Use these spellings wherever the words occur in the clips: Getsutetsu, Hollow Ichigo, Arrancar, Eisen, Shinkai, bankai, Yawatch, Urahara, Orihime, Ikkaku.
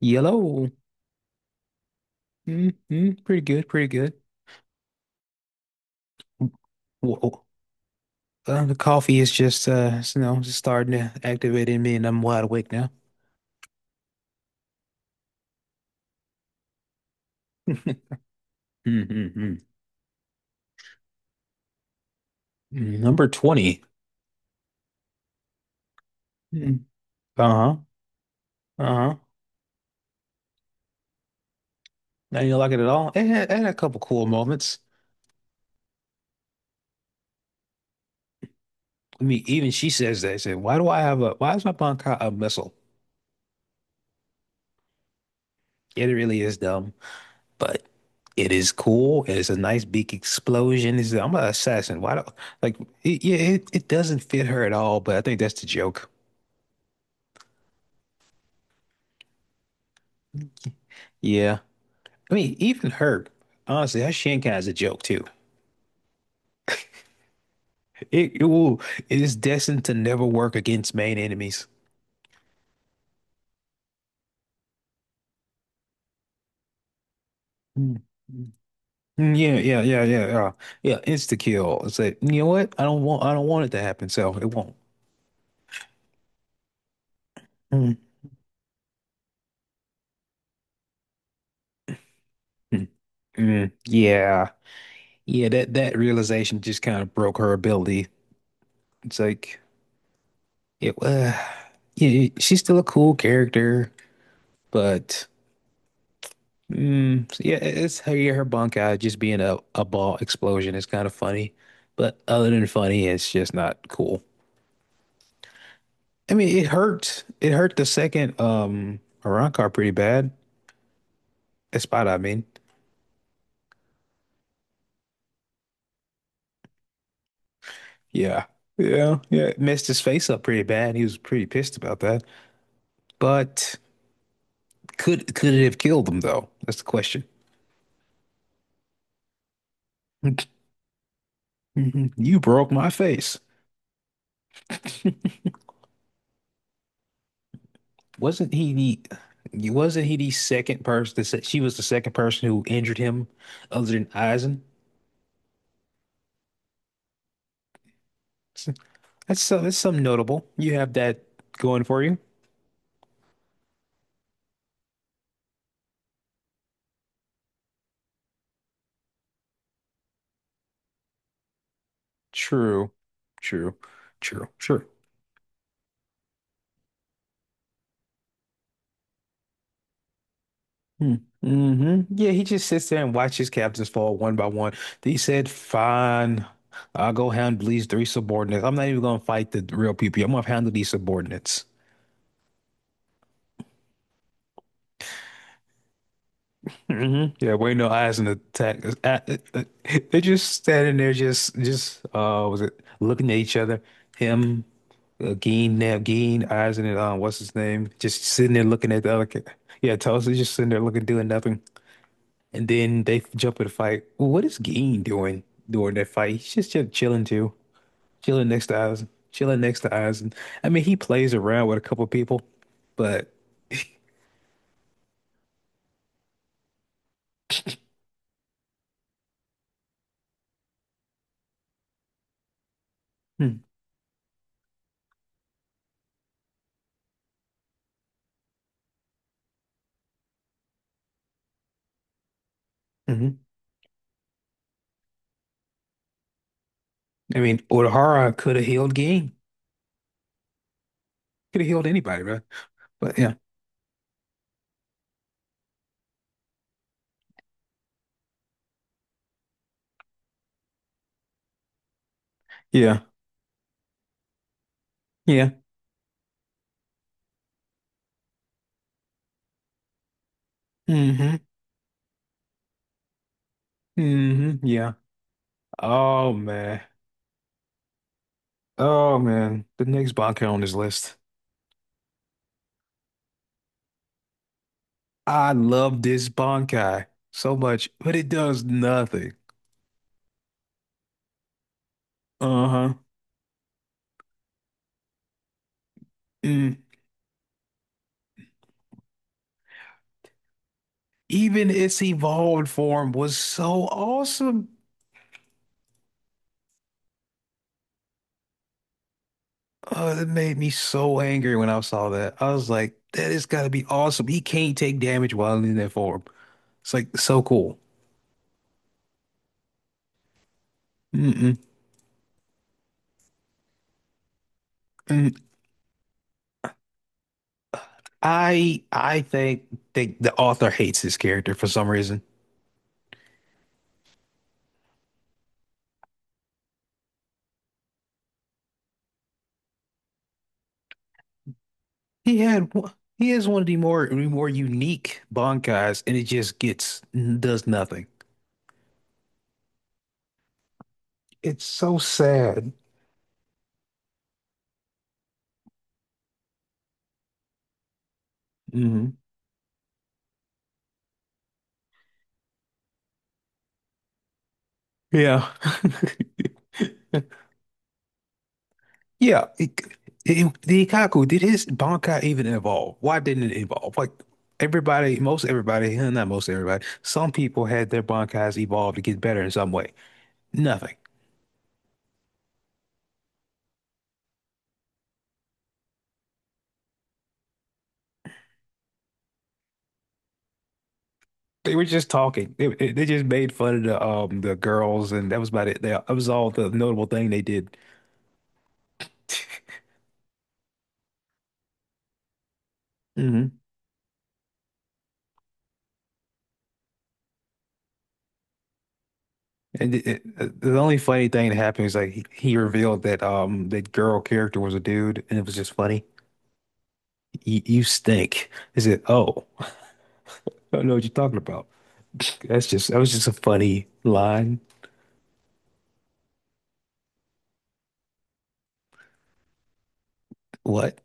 Yellow. Mm-hmm. Pretty good. Pretty good. Whoa. The coffee is just, just starting to activate in me, and I'm wide awake now. Mm-hmm. Number 20. Mm. Uh-huh. Uh-huh. Now you don't like it at all. It had a couple cool moments. I mean, even she says that. She said, why do I have a, why is my bankai a missile? It really is dumb. But it is cool. It's a nice big explosion. I'm an assassin. Why don't like it, yeah, it doesn't fit her at all, but I think that's the joke. Yeah. I mean, honestly, her Shinkai is a joke too. It, it will it is destined to never work against main enemies. Mm. Mm, yeah, yeah, yeah, yeah, yeah. Yeah, insta kill. It's like, you know what? I don't want it to happen, so it won't. Mm, mm, mm. Yeah. Yeah, that realization just kind of broke her ability. It's like, It, uh, yeah, she's still a cool character, but mm, yeah, yeah, her bunk out just being a ball explosion is kind of funny. But other than funny, it's just not cool. I mean, it hurt the second Arrancar pretty bad. That spot, I mean. Yeah. Yeah, yeah. It messed his face up pretty bad. He was pretty pissed about that. But could it have killed him though? That's the question. You broke my face. Wasn't he wasn't he the second person that said she was the second person who injured him other than Eisen? So so that's something notable. You have that going for you. True. True. True. True. Hmm. Hmm, yeah, he just sits there and watches captains fall one by one. He said, fine, I'll go handle these three subordinates. I'm not even gonna fight the real people. I'm gonna handle these subordinates. Hmm, yeah, wait, no eyes in the attack. They're just standing there, was it looking at each other? Him, Gene, Nab, Gene, eyes in it. What's his name? Just sitting there looking at the other kid. Yeah, Tulsa's just sitting there looking, doing nothing. And then they jump in the fight. Well, what is Gene doing during that fight? He's just chilling too, chilling next to eyes, chilling next to eyes. And I mean, he plays around with a couple people, but hmm, mhm. I mean, Urahara could have healed Gene, could have healed anybody, right? But yeah, yeah, yeah. Hmm, hmm, yeah. Oh man. Oh man. The next Bankai on this list. I love this Bankai so much, but it does nothing. Uh-huh. Mm. Even its evolved form was so awesome. Oh, that made me so angry when I saw that. I was like, that got to be awesome. He can't take damage while in that form. It's like so cool. Mm-mm. Mm-hmm. I think the author hates his character for some reason. He had one- he has one of the more unique bankais, and it just gets does nothing. It's so sad. Hmm, yeah. Yeah. The Ikkaku, did his Bankai even evolve? Why didn't it evolve? Like everybody, most everybody, not most everybody, some people had their Bankais evolve to get better in some way. Nothing. They were just talking. They just made fun of the girls, and that was about it. That was all the notable thing they did. Hmm. And the only funny thing that happened is like he revealed that that girl character was a dude, and it was just funny. You stink. He said, "Oh, I don't know what you're talking about." That was just a funny line. What?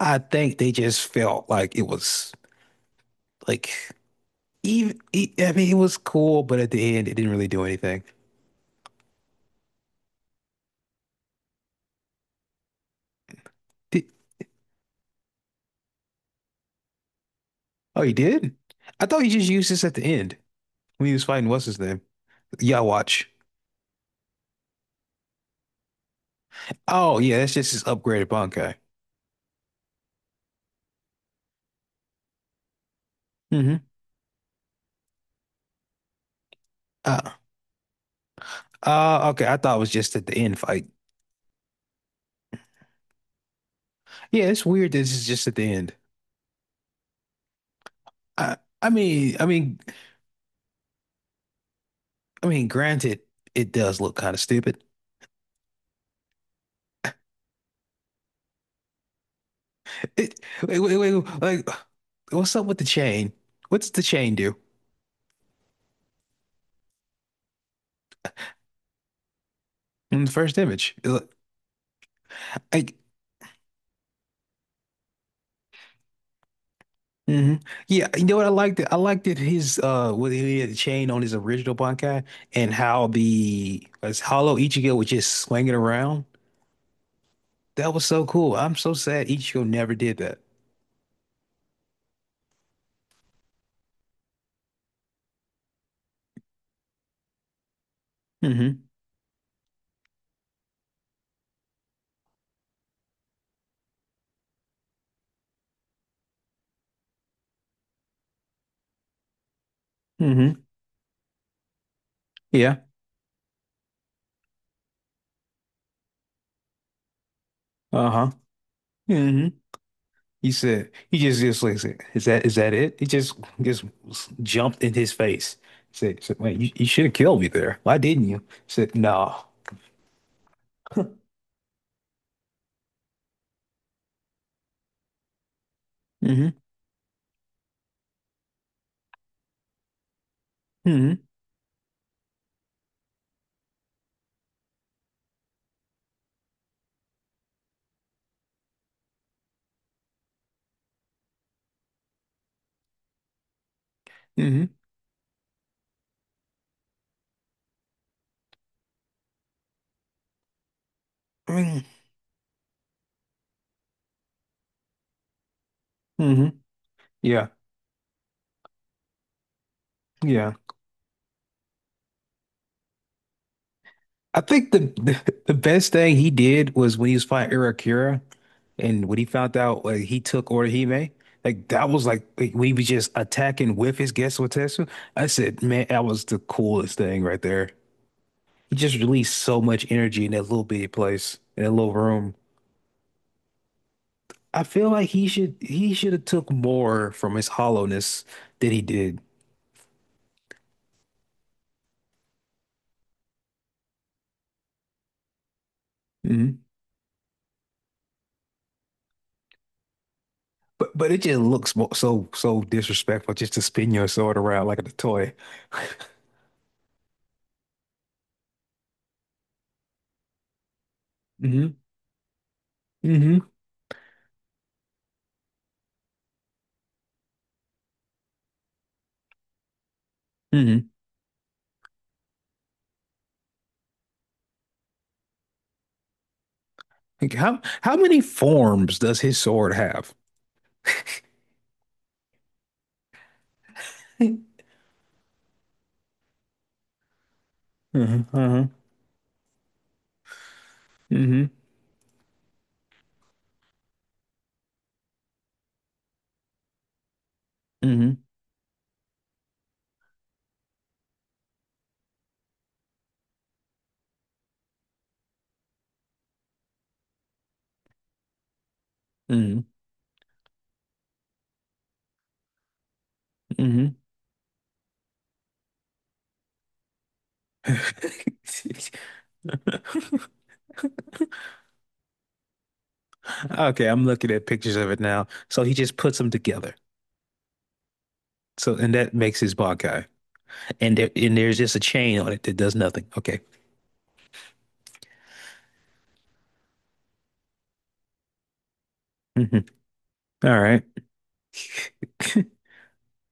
I think they just felt like it was like I mean it was cool, but at the end it didn't really do anything. Did, Oh, he did? I thought he just used this at the end when he was fighting what's his name? Yawatch. Oh yeah, that's just his upgraded Bankai. Mm-hmm. Uh, okay, I thought it was just at the end fight. Yeah, it's weird that this is just at the end. I I mean I mean I mean granted it does look kind of stupid. It wait, wait, wait, like what's up with the chain? What's the chain do in the first image? Like, hmm, yeah, you know what I liked? I liked that his what he had the chain on his original Bankai, and how the as Hollow Ichigo was just swinging around. That was so cool. I'm so sad Ichigo never did that. Hmm, hmm, yeah. Uh-huh. Hmm. He said he just like said, is that it? He just jumped in his face. Said, wait, you should have killed me there. Why didn't you? Said no. Hmm. Hmm. Hmm. Hmm. Hmm. Yeah. Yeah. I think the best thing he did was when he was fighting Irakira and when he found out like, he took Orihime, like that was like, when he was just attacking with his Getsutetsu. I said, man, that was the coolest thing right there. He just released so much energy in that little bitty place, in that little room. I feel like he should have took more from his hollowness than he did. Hmm. But it just looks so disrespectful just to spin your sword around like a toy. Hmm. Hmm. Hmm. Like, how many forms does his sword have? Hmm. Hmm. Hmm. Hmm. Hmm. Hmm. Okay, I'm looking at pictures of it now. So he just puts them together. So and that makes his Bankai. And there's just a chain on it that does nothing. Okay. Mhm. All right.